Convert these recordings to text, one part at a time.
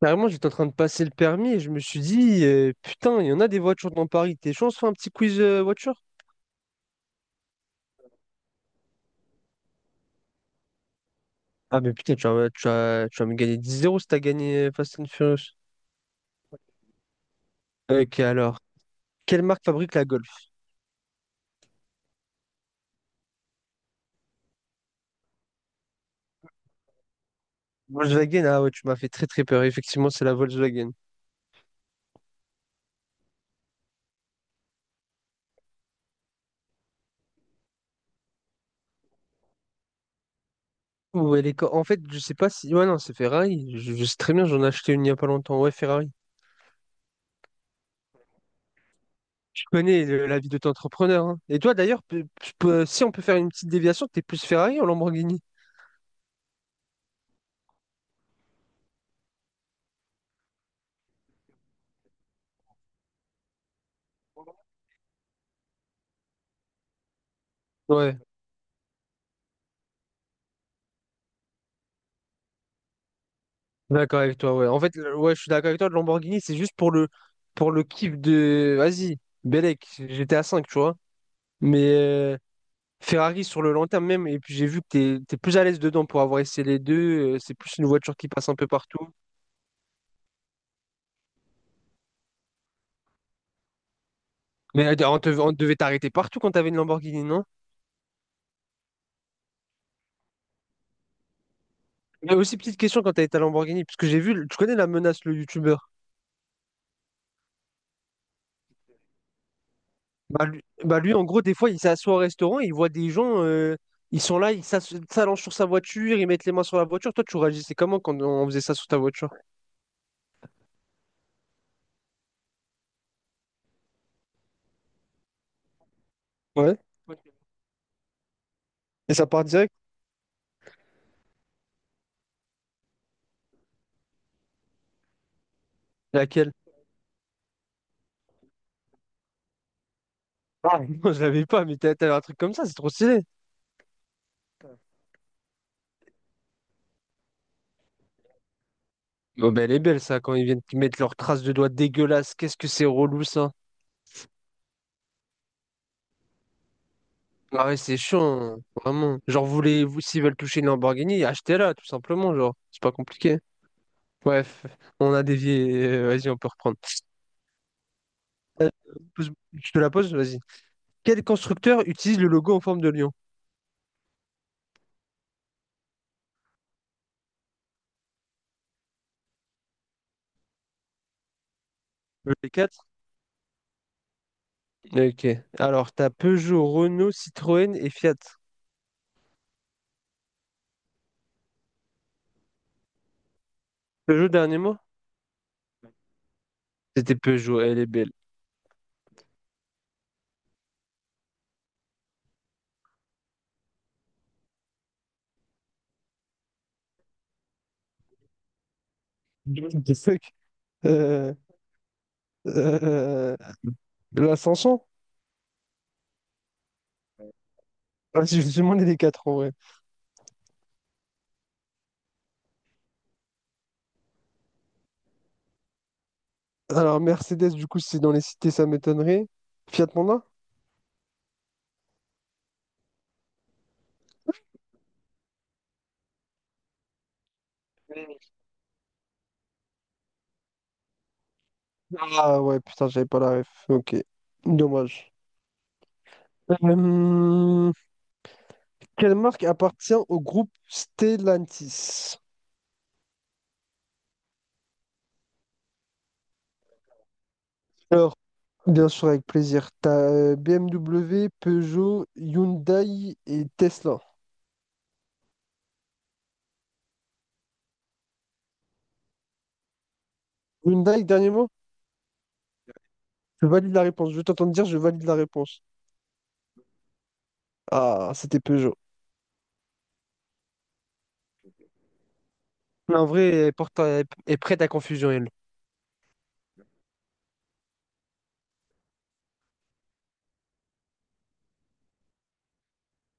Carrément, j'étais en train de passer le permis et je me suis dit, putain, il y en a des voitures dans Paris. T'es chaud, on se fait un petit quiz voiture? Ah, mais putain, tu vas me gagner dix 0 si t'as gagné Fast and Furious. Ok, alors, quelle marque fabrique la Golf? Volkswagen, ah ouais, tu m'as fait très très peur. Effectivement, c'est la Volkswagen. Ou elle est... co- En fait, je sais pas si. Ouais, non, c'est Ferrari. Je sais très bien, j'en ai acheté une il y a pas longtemps. Ouais, Ferrari. Je connais la vie de ton entrepreneur, hein. Et toi, d'ailleurs, si on peut faire une petite déviation, t'es plus Ferrari ou Lamborghini? Ouais. D'accord avec toi, ouais. En fait, ouais, je suis d'accord avec toi, le Lamborghini, c'est juste pour le kiff de. Vas-y, Belek, j'étais à 5 tu vois. Mais Ferrari sur le long terme même, et puis j'ai vu que t'es plus à l'aise dedans pour avoir essayé les deux. C'est plus une voiture qui passe un peu partout. Mais on devait t'arrêter partout quand t'avais une Lamborghini, non? Mais aussi petite question quand t'as été à Lamborghini, parce que j'ai vu, tu connais la menace, le YouTuber. Bah lui, en gros, des fois, il s'assoit au restaurant et il voit des gens, ils sont là, ils s'allongent sur sa voiture, ils mettent les mains sur la voiture. Toi, tu réagissais comment quand on faisait ça sur ta voiture? Ouais. Et ça part direct? Laquelle? Ah. Non, je l'avais pas, mais t'avais un truc comme ça, c'est trop stylé. Bon, ben, elle est belle, ça, quand ils viennent mettre leurs traces de doigts dégueulasses. Qu'est-ce que c'est relou, ça? Ah ouais, c'est chiant, hein, vraiment. Genre, voulez-vous, s'ils veulent toucher une Lamborghini, achetez-la, tout simplement, genre. C'est pas compliqué. Bref, on a dévié. Vas-y, on peut reprendre. Je te la pose, vas-y. Quel constructeur utilise le logo en forme de lion? Les quatre? Ok. Alors, t'as Peugeot, Renault, Citroën et Fiat. Peugeot, dernier mot? C'était Peugeot, elle est belle. What the fuck? Euh, euh, L'ascension? Ah, si, je me suis demandé les quatre en vrai. Alors, Mercedes, du coup, c'est dans les cités, ça m'étonnerait. Fiat Panda? Ah ouais, putain, j'avais pas la ref. Ok. Dommage. Euh, Quelle marque appartient au groupe Stellantis? Alors, bien sûr, avec plaisir. Tu as BMW, Peugeot, Hyundai et Tesla. Hyundai, dernier mot? Je valide la réponse. Je t'entends dire, je valide la réponse. Ah, c'était Peugeot. Mais en vrai, elle elle est prête à confusion, elle.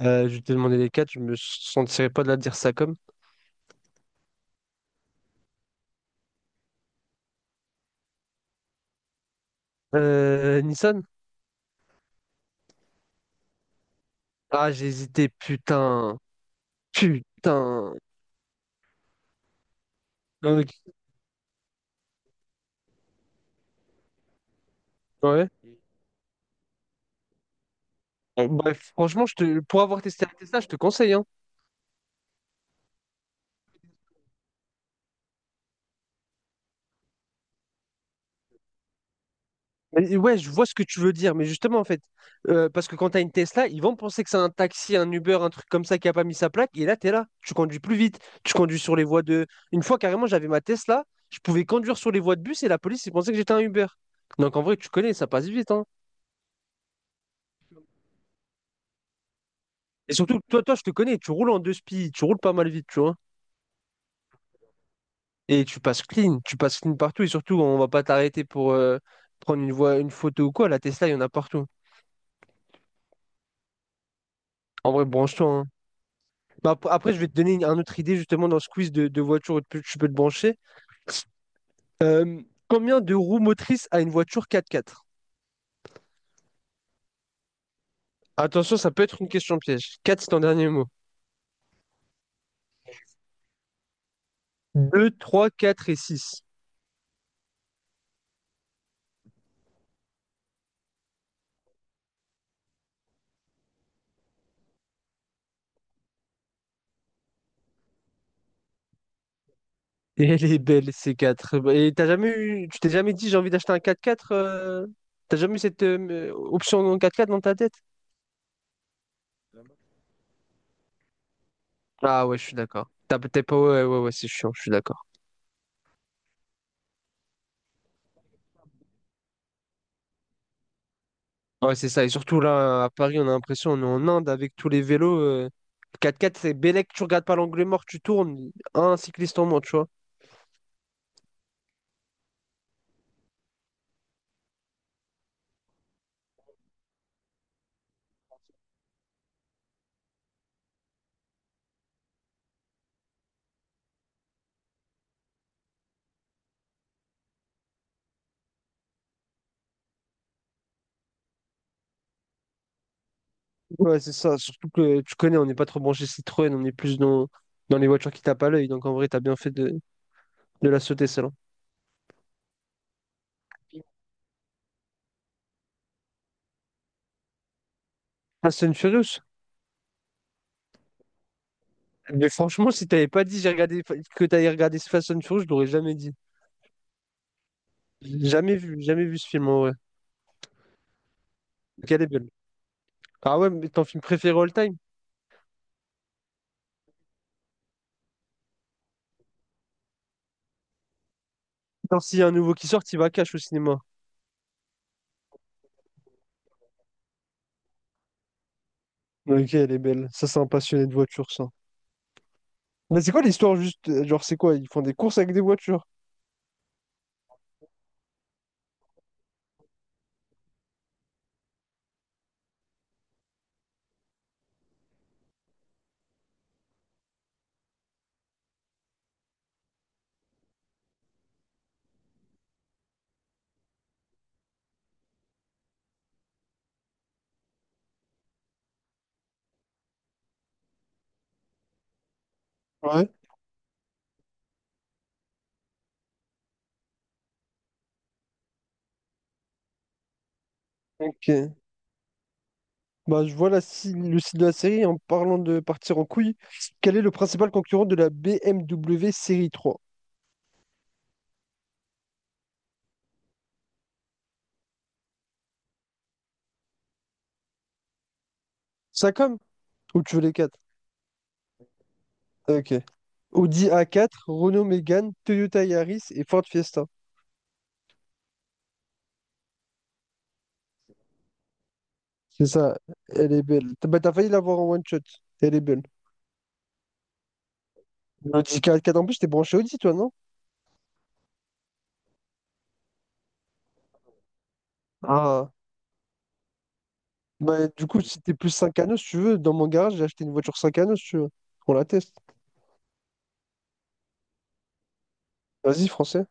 Je t'ai demandé les quatre, je me sentirais pas de la dire ça comme. Nissan? Ah, j'ai hésité, putain. Putain. Ok, ouais. Bref, franchement, pour avoir testé la Tesla, je te conseille, hein. Ouais, je vois ce que tu veux dire, mais justement, en fait, parce que quand tu as une Tesla, ils vont penser que c'est un taxi, un Uber, un truc comme ça qui a pas mis sa plaque, et là, tu es là, tu conduis plus vite, tu conduis sur les voies de... Une fois, carrément, j'avais ma Tesla, je pouvais conduire sur les voies de bus, et la police, ils pensaient que j'étais un Uber. Donc, en vrai, tu connais, ça passe vite, hein. Et surtout, toi, toi, je te connais, tu roules en deux spies, tu roules pas mal vite, tu vois. Et tu passes clean partout, et surtout, on va pas t'arrêter pour prendre une voie, une photo ou quoi, la Tesla, il y en a partout. En vrai, branche-toi, hein. Bah, après, je vais te donner un autre idée justement dans ce quiz de voiture où tu peux te brancher. Euh, Combien de roues motrices a une voiture 4x4? Attention, ça peut être une question piège. 4, c'est ton dernier mot. 2, 3, 4 et 6. Et elle est belle, ces 4. Et t'as jamais eu, tu t'es jamais dit j'ai envie d'acheter un 4x4. T'as jamais eu cette option en 4x4 dans ta tête? Ah ouais, je suis d'accord. T'as peut-être pas. Ouais, ouais, ouais, c'est chiant, je suis d'accord. Ouais, c'est ça. Et surtout là, à Paris, on a l'impression, on est en Inde avec tous les vélos. Quatre x c'est Bélec, tu regardes pas l'angle mort, tu tournes, un cycliste en moins, tu vois. Ouais, c'est ça. Surtout que tu connais, on n'est pas trop branché Citroën, on est plus dans les voitures qui tapent à l'œil. Donc en vrai, t'as bien fait de la sauter, celle-là. Fast and Furious? Mais franchement, si t'avais pas dit que t'avais regardé ce Fast and Furious, je l'aurais jamais dit. Jamais vu, jamais vu ce film, en vrai. Ok, elle est belle. Ah ouais, mais ton film préféré all time? Attends, s'il y a un nouveau qui sort, il va cash au cinéma. Ok, elle est belle. Ça, c'est un passionné de voiture, ça. Mais c'est quoi l'histoire juste? Genre, c'est quoi? Ils font des courses avec des voitures. Ouais. Ok. Bah, je vois la, si- le site de la série en parlant de partir en couille. Quel est le principal concurrent de la BMW série 3? Sacom? Ou tu veux les quatre? Ok. Audi A4, Renault Mégane, Toyota Yaris et Ford Fiesta. C'est ça, elle est belle. T'as Bah, t'as failli l'avoir en one shot. Elle est belle. Audi A4, en plus, t'es branché Audi, toi, non? Ah. Bah, du coup, si t'es plus 5 anneaux, si tu veux, dans mon garage, j'ai acheté une voiture 5 anneaux, si tu veux. On la teste. Vas-y, français.